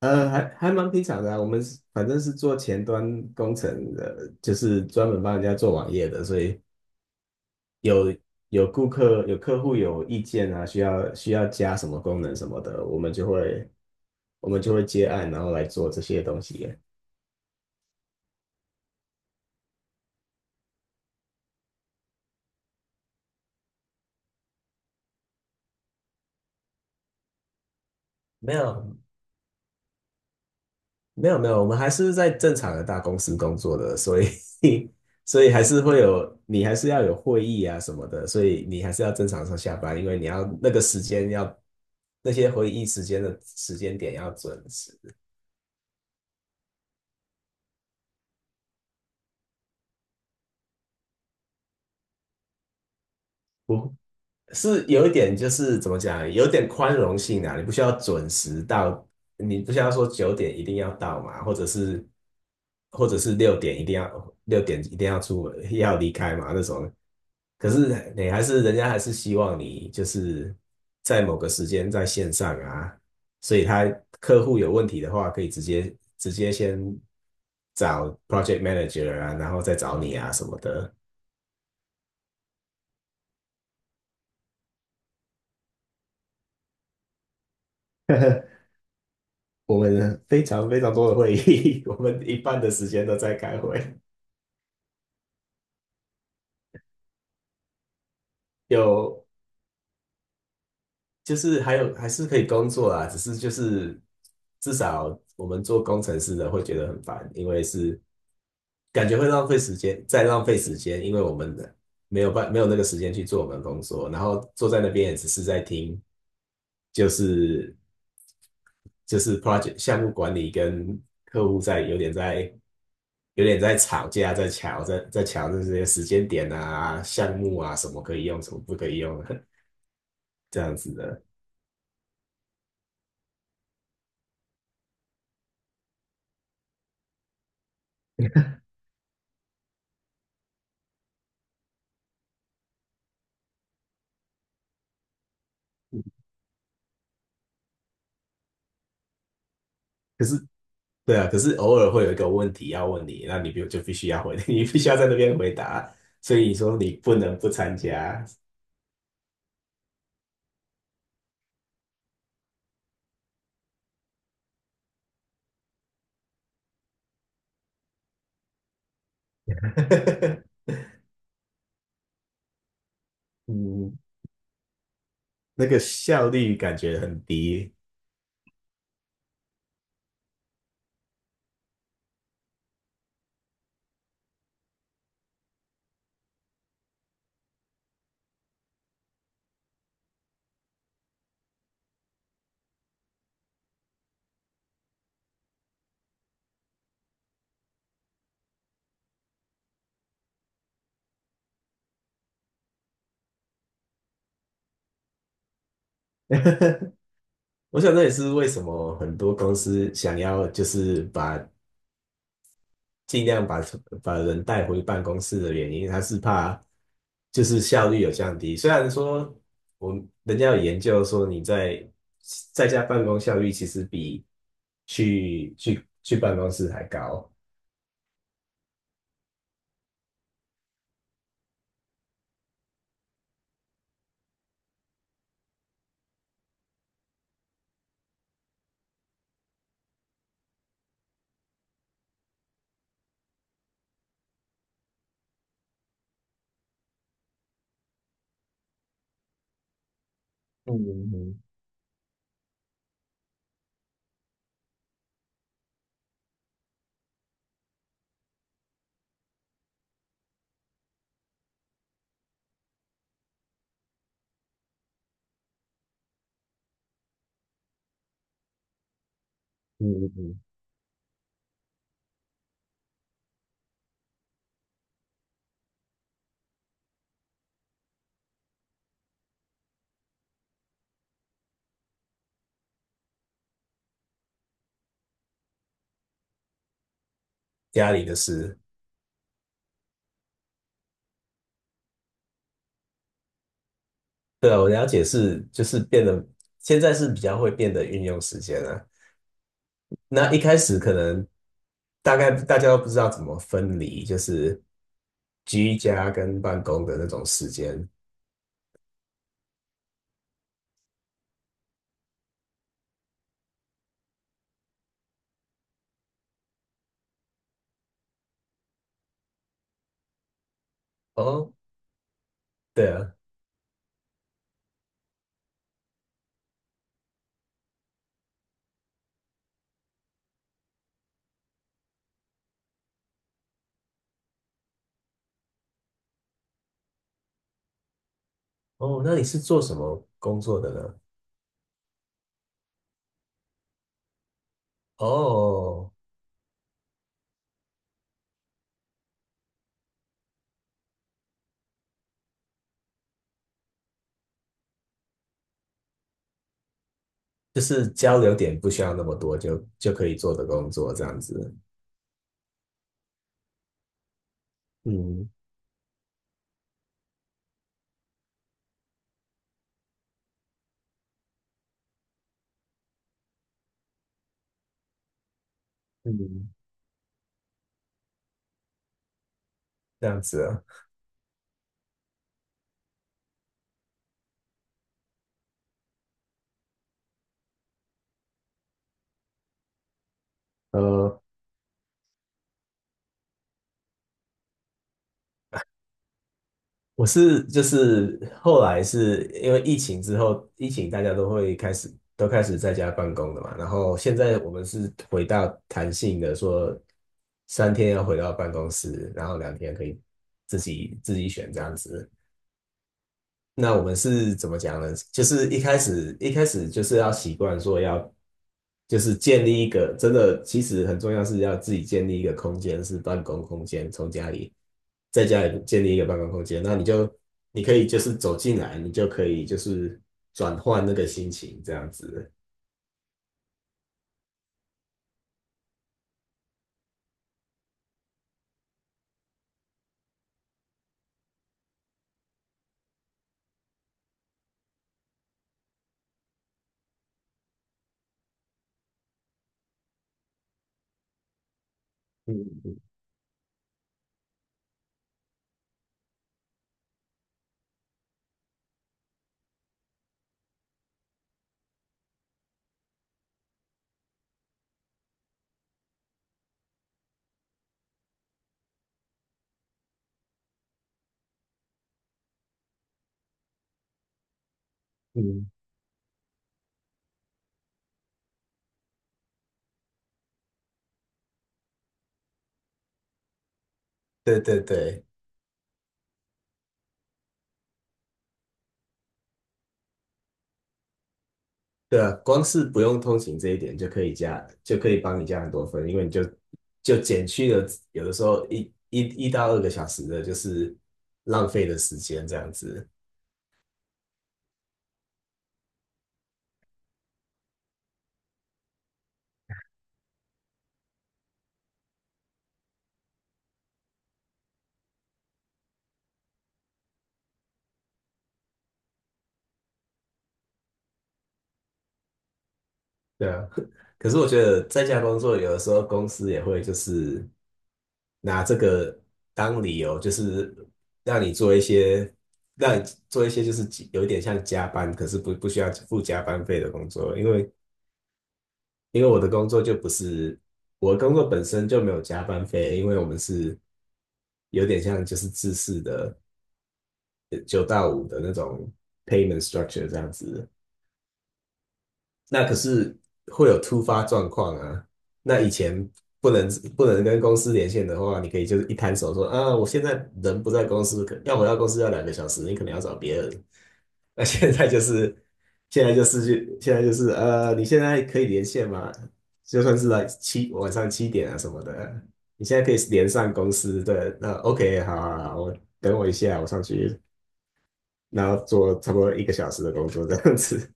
还蛮平常的啊。我们反正是做前端工程的，就是专门帮人家做网页的，所以有客户有意见啊，需要加什么功能什么的，我们就会接案，然后来做这些东西。没有，没有没有，我们还是在正常的大公司工作的，所以 所以还是会有，你还是要有会议啊什么的，所以你还是要正常上下班，因为你要那个时间要那些会议时间的时间点要准时。是有一点就是怎么讲，有点宽容性啊，你不需要准时到，你不需要说9点一定要到嘛，或者是六点一定要出门要离开嘛那种。可是你还是人家还是希望你就是在某个时间在线上啊，所以客户有问题的话，可以直接先找 project manager 啊，然后再找你啊什么的。我们非常非常多的会议，我们一半的时间都在开会。有还是可以工作啦，只是就是至少我们做工程师的会觉得很烦，因为是感觉会浪费时间，再浪费时间，因为我们的没有办没有那个时间去做我们的工作，然后坐在那边也只是在听，就是就是 project 项目管理跟客户在有点在有点在吵架，在抢这些时间点啊、项目啊，什么可以用，什么不可以用，这样子的。可是对啊，可是偶尔会有一个问题要问你，那你必须要回，你必须要在那边回答，所以你说你不能不参加。嗯，那个效率感觉很低。我想这也是为什么很多公司想要就是尽量把人带回办公室的原因，他是怕就是效率有降低。虽然说人家有研究说你在家办公效率其实比去办公室还高。嗯嗯嗯嗯嗯，家里的事。对啊，我了解是就是变得现在是比较会变得运用时间了。那一开始可能大概大家都不知道怎么分离，就是居家跟办公的那种时间。哦，对啊。哦，那你是做什么工作的呢？哦，就是交流点不需要那么多，就可以做的工作这样子。嗯嗯，这样子啊。呃，我是就是后来是因为疫情之后，疫情大家都开始在家办公的嘛，然后现在我们是回到弹性的说，3天要回到办公室，然后2天可以自己选这样子。那我们是怎么讲呢？就是一开始就是要习惯说要，就是建立一个真的，其实很重要是要自己建立一个空间，是办公空间，从家里在家里建立一个办公空间，那你可以就是走进来，你就可以就是转换那个心情这样子。嗯嗯嗯，对对对。对啊，光是不用通勤这一点就可以加，就可以帮你加很多分，因为你就减去了有的时候1到2个小时的，就是浪费的时间这样子。对啊，可是我觉得在家工作有的时候公司也会就是拿这个当理由，就是让你做一些让你做一些就是有一点像加班，可是不需要付加班费的工作，因为我的工作就不是，我的工作本身就没有加班费，因为我们是有点像就是制式的9到5的那种 payment structure 这样子。那可是会有突发状况啊。那以前不能不能跟公司连线的话，你可以就是一摊手说啊，我现在人不在公司，可要回到公司要2个小时，你可能要找别人。那现在就是现在就是去现在就是呃，你现在可以连线吗？就算是晚上7点啊什么的，你现在可以连上公司的那 OK，好好好我等我一下，我上去，然后做差不多1个小时的工作这样子。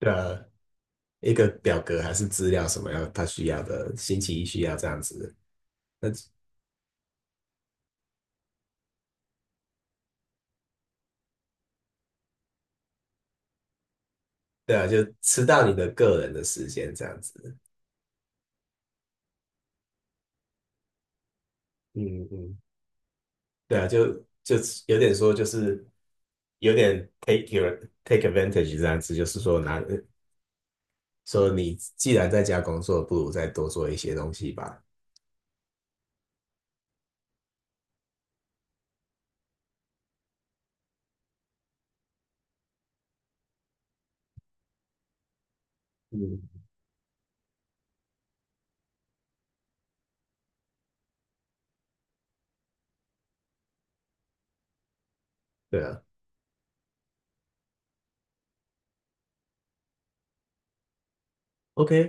呃，一个表格还是资料什么要他需要的，星期一需要这样子。那对啊，就吃到你的个人的时间这样子。嗯嗯，对啊，就有点说就是。有点 take advantage 这样子，就是说说你既然在家工作，不如再多做一些东西吧。嗯，对啊，OK，